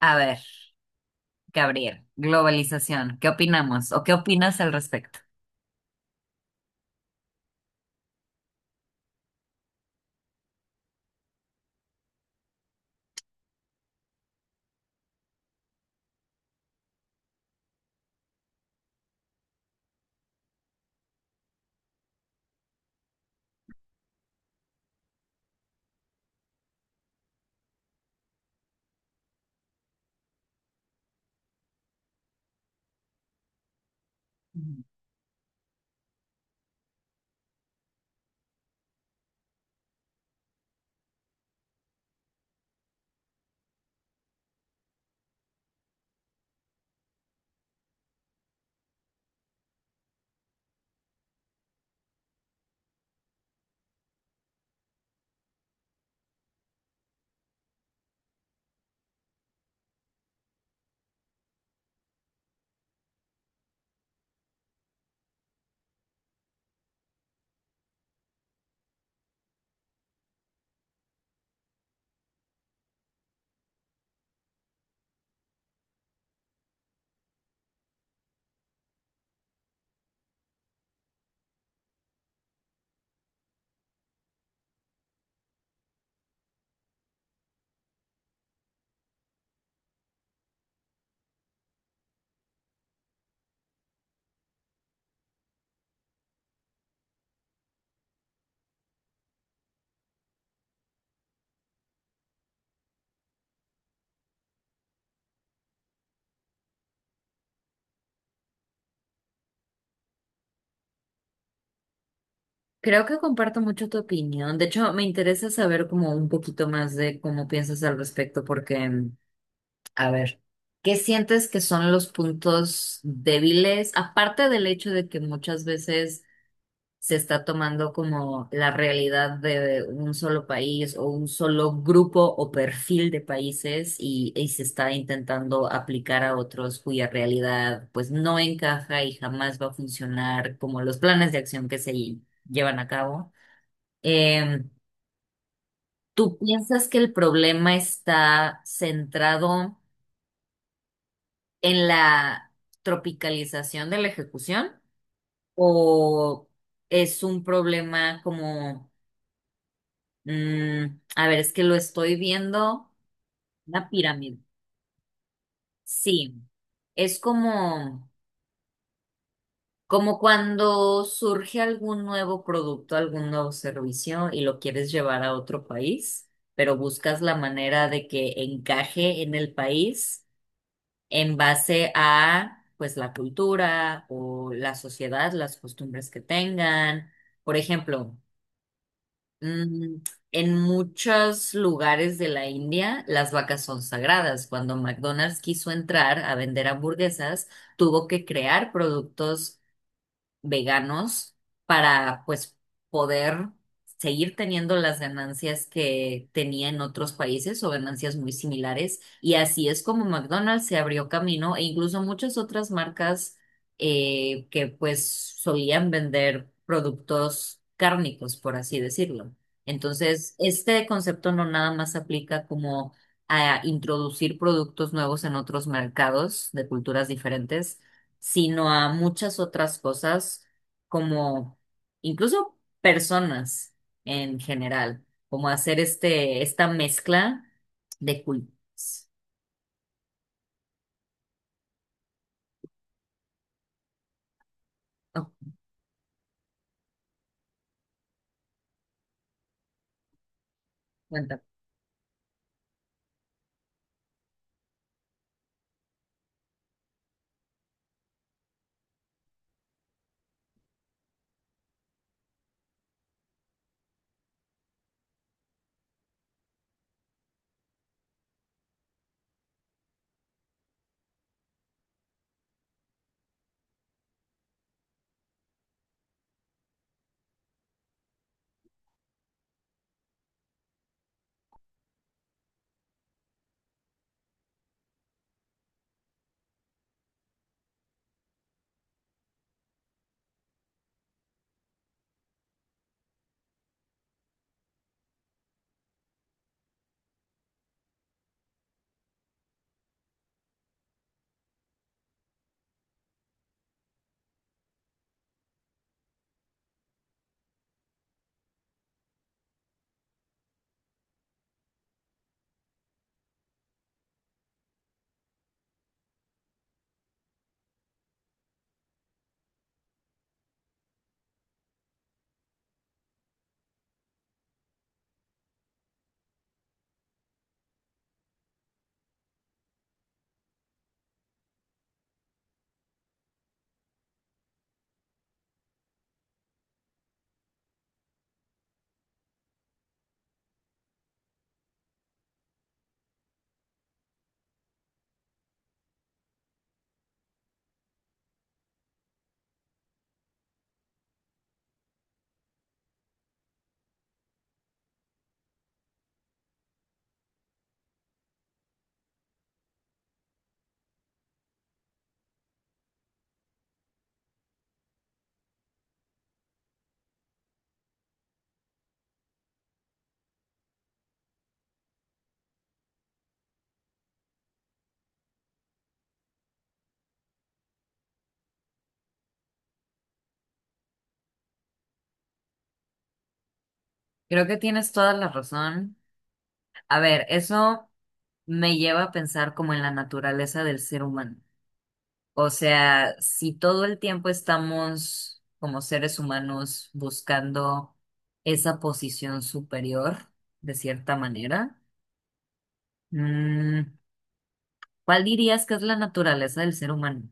A ver, Gabriel, globalización, ¿qué opinamos o qué opinas al respecto? Ujú. Creo que comparto mucho tu opinión. De hecho, me interesa saber como un poquito más de cómo piensas al respecto, porque, a ver, ¿qué sientes que son los puntos débiles? Aparte del hecho de que muchas veces se está tomando como la realidad de un solo país o un solo grupo o perfil de países y se está intentando aplicar a otros cuya realidad pues no encaja y jamás va a funcionar como los planes de acción que se llevan a cabo. Em, ¿Tú piensas que el problema está centrado en la tropicalización de la ejecución o es un problema como... a ver, es que lo estoy viendo. Una pirámide. Sí. Es como, como cuando surge algún nuevo producto, algún nuevo servicio y lo quieres llevar a otro país, pero buscas la manera de que encaje en el país en base a, pues, la cultura o la sociedad, las costumbres que tengan. Por ejemplo, Mm, en muchos lugares de la India, las vacas son sagradas. Cuando McDonald's quiso entrar a vender hamburguesas, tuvo que crear productos veganos para pues poder seguir teniendo las ganancias que tenía en otros países o ganancias muy similares. Y así es como McDonald's se abrió camino e incluso muchas otras marcas que pues solían vender productos cárnicos, por así decirlo. Entonces, este concepto no nada más aplica como a introducir productos nuevos en otros mercados de culturas diferentes, sino a muchas otras cosas como incluso personas en general, como hacer esta mezcla de culturas. Oh, cuenta. Creo que tienes toda la razón. A ver, eso me lleva a pensar como en la naturaleza del ser humano. O sea, si todo el tiempo estamos como seres humanos buscando esa posición superior, de cierta manera, mm, ¿cuál dirías que es la naturaleza del ser humano?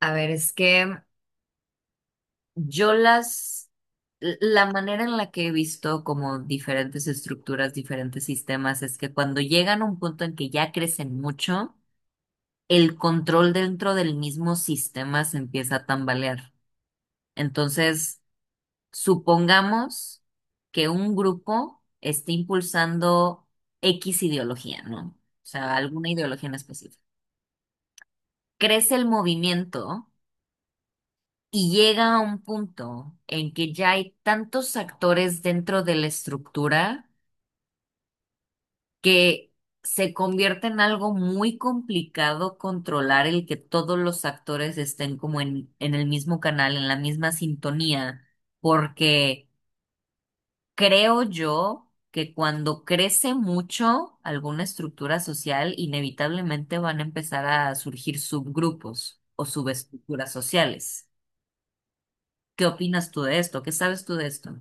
A ver, es que... Yo las, la manera en la que he visto como diferentes estructuras, diferentes sistemas, es que cuando llegan a un punto en que ya crecen mucho, el control dentro del mismo sistema se empieza a tambalear. Entonces, supongamos que un grupo esté impulsando X ideología, ¿no? O sea, alguna ideología en específico. Crece el movimiento y llega a un punto en que ya hay tantos actores dentro de la estructura que se convierte en algo muy complicado controlar el que todos los actores estén como en el mismo canal, en la misma sintonía, porque creo yo que cuando crece mucho alguna estructura social, inevitablemente van a empezar a surgir subgrupos o subestructuras sociales. ¿Qué opinas tú de esto? ¿Qué sabes tú de esto?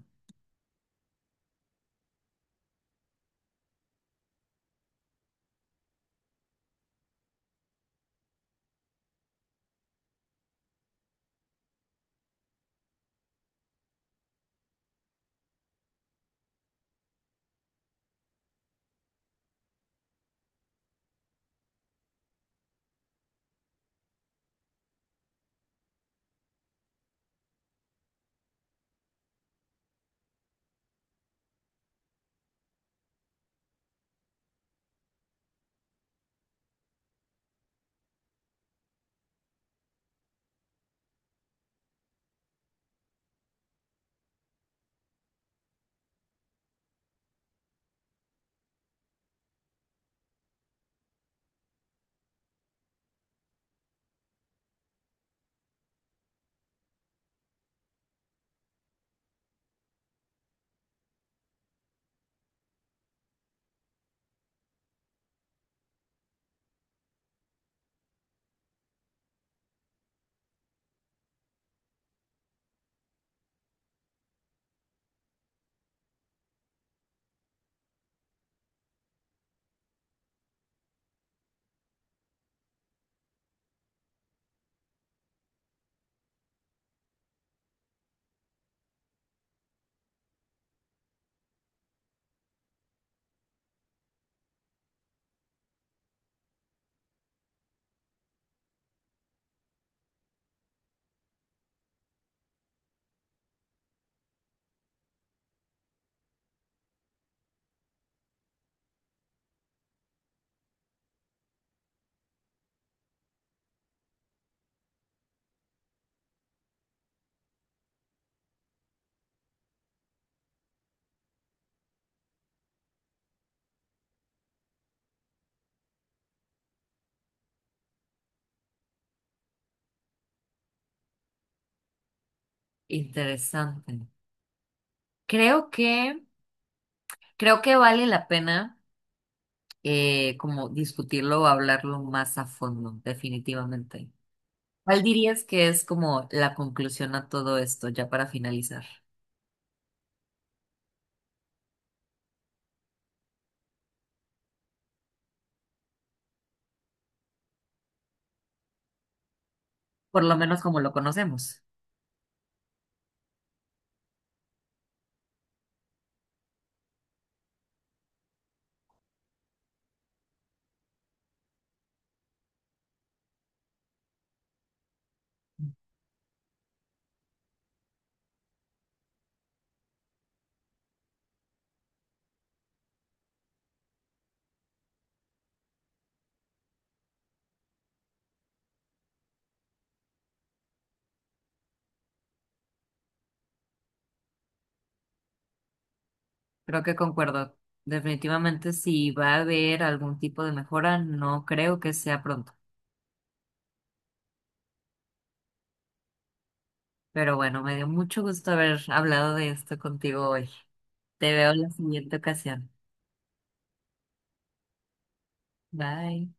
Interesante. Creo que, creo que vale la pena como discutirlo o hablarlo más a fondo, definitivamente. ¿Cuál dirías que es como la conclusión a todo esto, ya para finalizar? Por lo menos como lo conocemos. Creo que concuerdo. Definitivamente, si va a haber algún tipo de mejora, no creo que sea pronto. Pero bueno, me dio mucho gusto haber hablado de esto contigo hoy. Te veo en la siguiente ocasión. Bye.